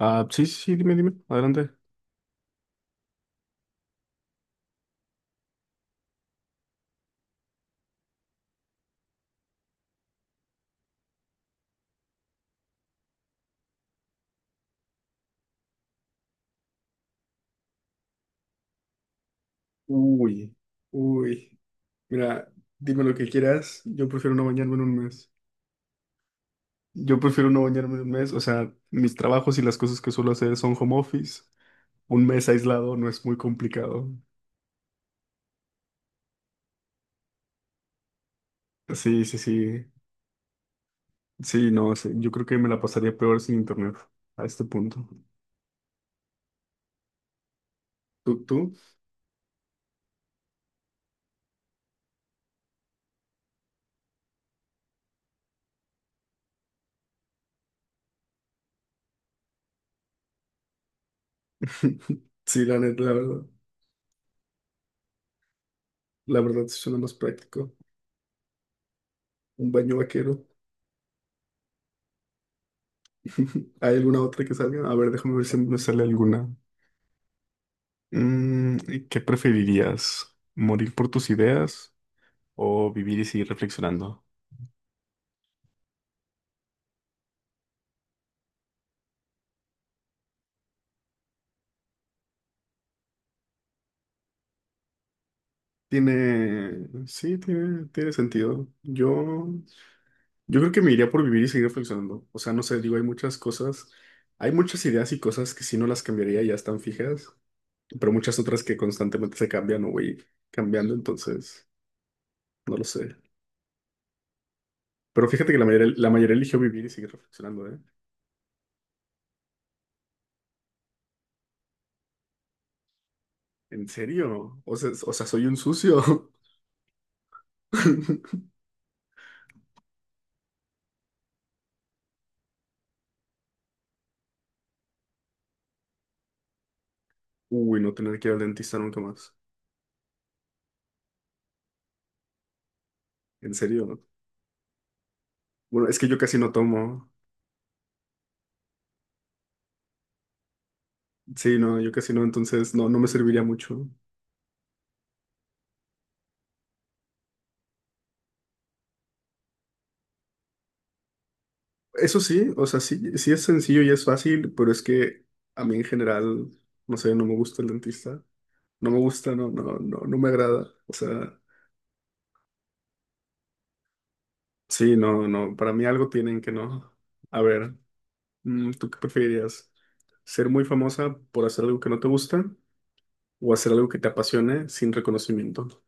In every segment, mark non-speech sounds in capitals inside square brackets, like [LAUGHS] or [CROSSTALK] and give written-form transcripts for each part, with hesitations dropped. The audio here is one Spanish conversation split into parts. Ah, sí, sí, sí, dime, dime, adelante. Uy, uy. Mira, dime lo que quieras. Yo prefiero no bañarme en un mes. Yo prefiero no bañarme en un mes. O sea, mis trabajos y las cosas que suelo hacer son home office. Un mes aislado no es muy complicado. Sí, sí, sí. Sí, no, sí, yo creo que me la pasaría peor sin internet a este punto. ¿Tú? [LAUGHS] Sí, la neta, la verdad. La verdad, sí suena más práctico. Un baño vaquero. [LAUGHS] ¿Hay alguna otra que salga? A ver, déjame ver si me sale alguna. ¿Y qué preferirías? ¿Morir por tus ideas o vivir y seguir reflexionando? Sí, tiene sentido. Yo creo que me iría por vivir y seguir reflexionando. O sea, no sé, digo, hay muchas cosas, hay muchas ideas y cosas que si no las cambiaría ya están fijas, pero muchas otras que constantemente se cambian o voy cambiando, entonces, no lo sé. Pero fíjate que la mayoría eligió vivir y seguir reflexionando, ¿eh? ¿En serio? O sea, soy un sucio. [LAUGHS] Uy, no tener que ir al dentista nunca más. En serio, ¿no? Bueno, es que yo casi no tomo. Sí, no, yo casi no, entonces no, no me serviría mucho. Eso sí, o sea, sí, sí es sencillo y es fácil, pero es que a mí en general, no sé, no me gusta el dentista. No me gusta, no, no, no, no me agrada. O sea, sí, no, no, para mí algo tienen que no. A ver, ¿tú qué preferirías? ¿Ser muy famosa por hacer algo que no te gusta o hacer algo que te apasione sin reconocimiento?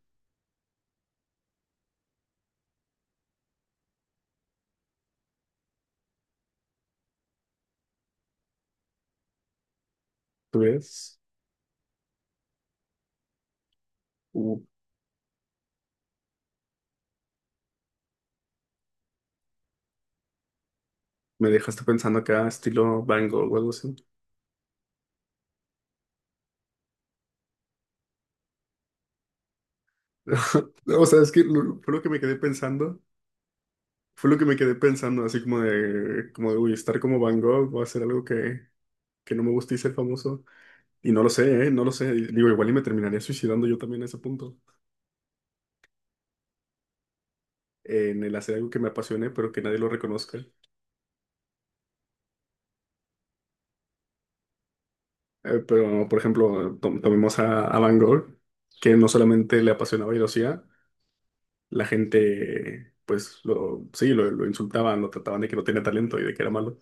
¿Tú ves? Uh, Me dejaste pensando acá, estilo Van Gogh o algo así. [LAUGHS] O sea, es que fue lo que me quedé pensando. Fue lo que me quedé pensando, así como de, uy, estar como Van Gogh o hacer algo que no me guste y ser famoso. Y no lo sé, ¿eh? No lo sé. Y digo, igual y me terminaría suicidando yo también a ese punto. En el hacer algo que me apasione, pero que nadie lo reconozca. Pero, por ejemplo, tomemos a Van Gogh, que no solamente le apasionaba y lo hacía, la gente, pues, lo, sí, lo insultaban, lo trataban de que no tenía talento y de que era malo.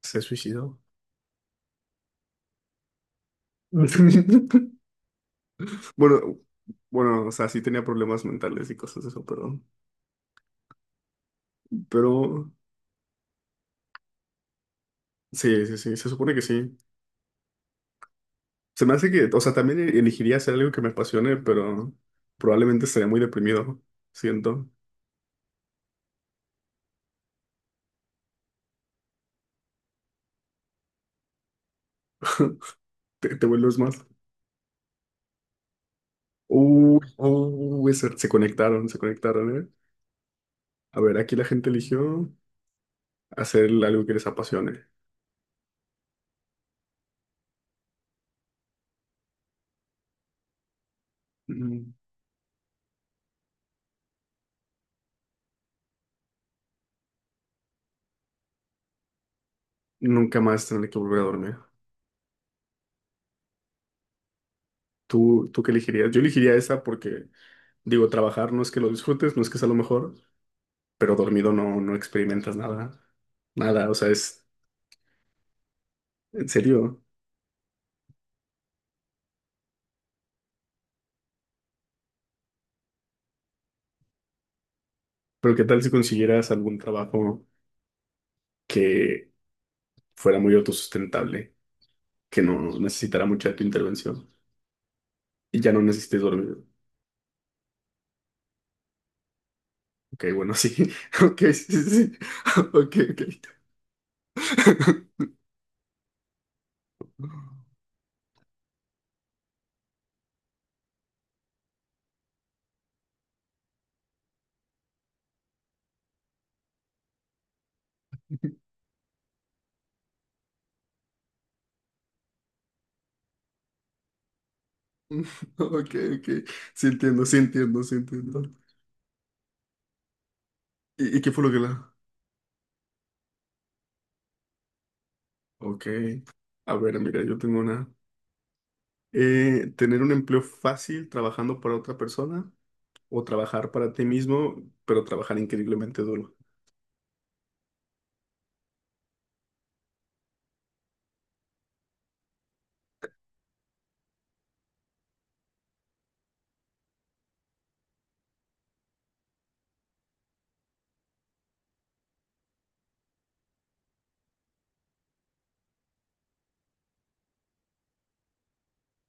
Se suicidó. [LAUGHS] Bueno, bueno, o sea, sí tenía problemas mentales y cosas de eso, pero, pero sí, sí, sí, se supone que sí. Se me hace que, o sea, también elegiría hacer algo que me apasione, pero probablemente estaría muy deprimido. Siento, te vuelves más. Se conectaron, ¿eh? A ver, aquí la gente eligió hacer algo que les apasione. Mm, Nunca más tener que volver a dormir. ¿Tú qué elegirías? Yo elegiría esa porque digo, trabajar no es que lo disfrutes, no es que sea lo mejor, pero dormido no, no experimentas nada. Nada, o sea, es en serio. Pero ¿qué tal si consiguieras algún trabajo que fuera muy autosustentable, que no necesitara mucha de tu intervención y ya no necesites dormir? Ok, bueno, sí. [LAUGHS] Ok, sí, sí, sí. [LAUGHS] Ok, ok. [LAUGHS] Ok, ok. Sí entiendo, sí entiendo, sí entiendo. ¿Y qué fue lo que la...? Ok. A ver, mira, yo tengo una... Tener un empleo fácil trabajando para otra persona o trabajar para ti mismo, pero trabajar increíblemente duro.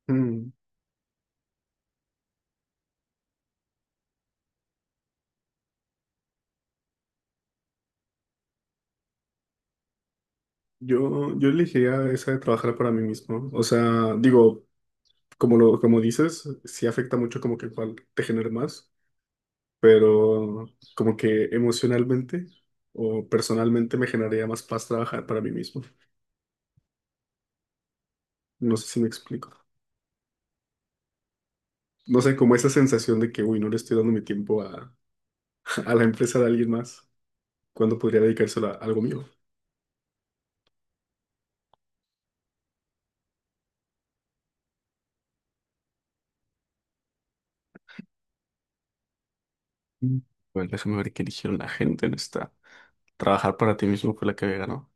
Mm, yo elegiría esa de trabajar para mí mismo. O sea, digo, como dices, sí afecta mucho como que cuál te genere más, pero como que emocionalmente o personalmente me generaría más paz trabajar para mí mismo. No sé si me explico. No sé, como esa sensación de que, uy, no le estoy dando mi tiempo a, [LAUGHS] a la empresa de alguien más, cuando podría dedicárselo a algo mío. Mm. Bueno, déjame ver qué eligieron la gente en esta. Trabajar para ti mismo fue la que había ganado.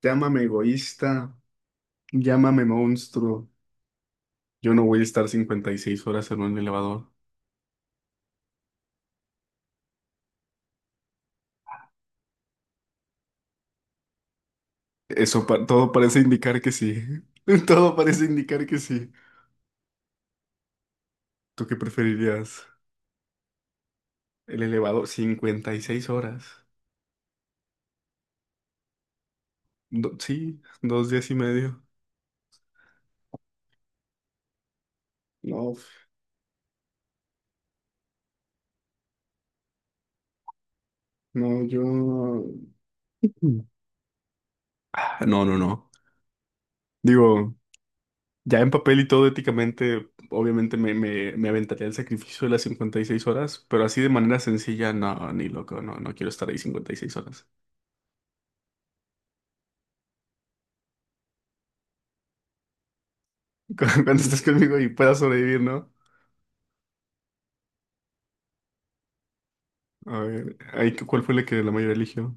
Llámame egoísta, llámame monstruo. Yo no voy a estar 56 horas en un elevador. Eso todo parece indicar que sí. [LAUGHS] Todo parece indicar que sí. ¿Tú qué preferirías? El elevador, 56 horas. Sí, 2 días y medio. No, no, yo... Mm. Ah, no, no, no. Digo. Ya en papel y todo éticamente, obviamente me aventaría el sacrificio de las 56 horas, pero así de manera sencilla, no, ni loco, no, no quiero estar ahí 56 horas. [LAUGHS] Cuando estés conmigo y puedas sobrevivir, ¿no? A ver, ahí, ¿cuál fue la que la mayoría eligió?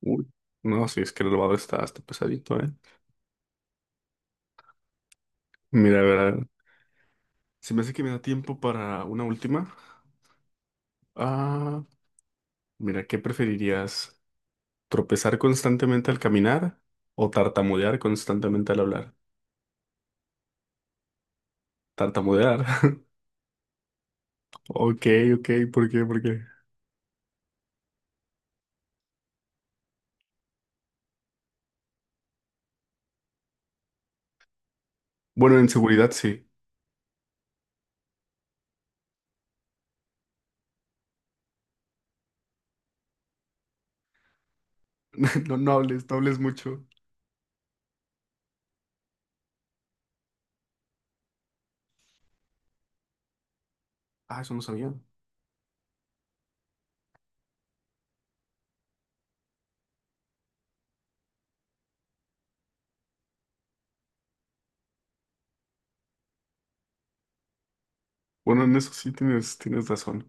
Uy. No, sí, es que el robado está pesadito, ¿eh? Mira, a ver, se me hace que me da tiempo para una última. Ah, mira, ¿qué preferirías? ¿Tropezar constantemente al caminar o tartamudear constantemente al hablar? Tartamudear. [LAUGHS] Ok, ok, ¿por qué? ¿Por qué? Bueno, en seguridad sí. [LAUGHS] No, no hables, no hables mucho. Ah, eso no sabía. Bueno, en eso sí tienes razón.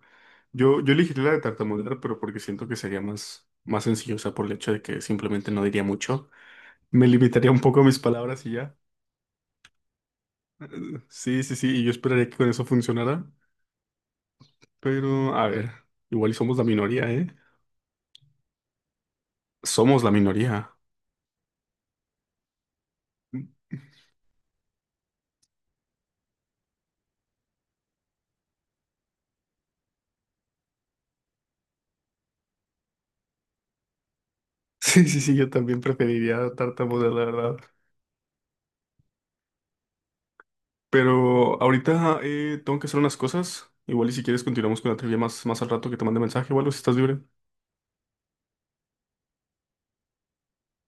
Yo elegiría la de tartamudear, pero porque siento que sería más, sencillo, o sea, por el hecho de que simplemente no diría mucho. Me limitaría un poco a mis palabras y ya. Sí, sí, sí, y yo esperaría que con eso funcionara. Pero, a ver, igual y somos la minoría, ¿eh? Somos la minoría. [LAUGHS] Sí, sí, sí, yo también preferiría tartamudear, la verdad. Pero ahorita tengo que hacer unas cosas. Igual y si quieres continuamos con la trivia más, al rato que te mande mensaje o algo si estás libre.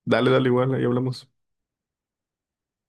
Dale, dale igual, ahí hablamos.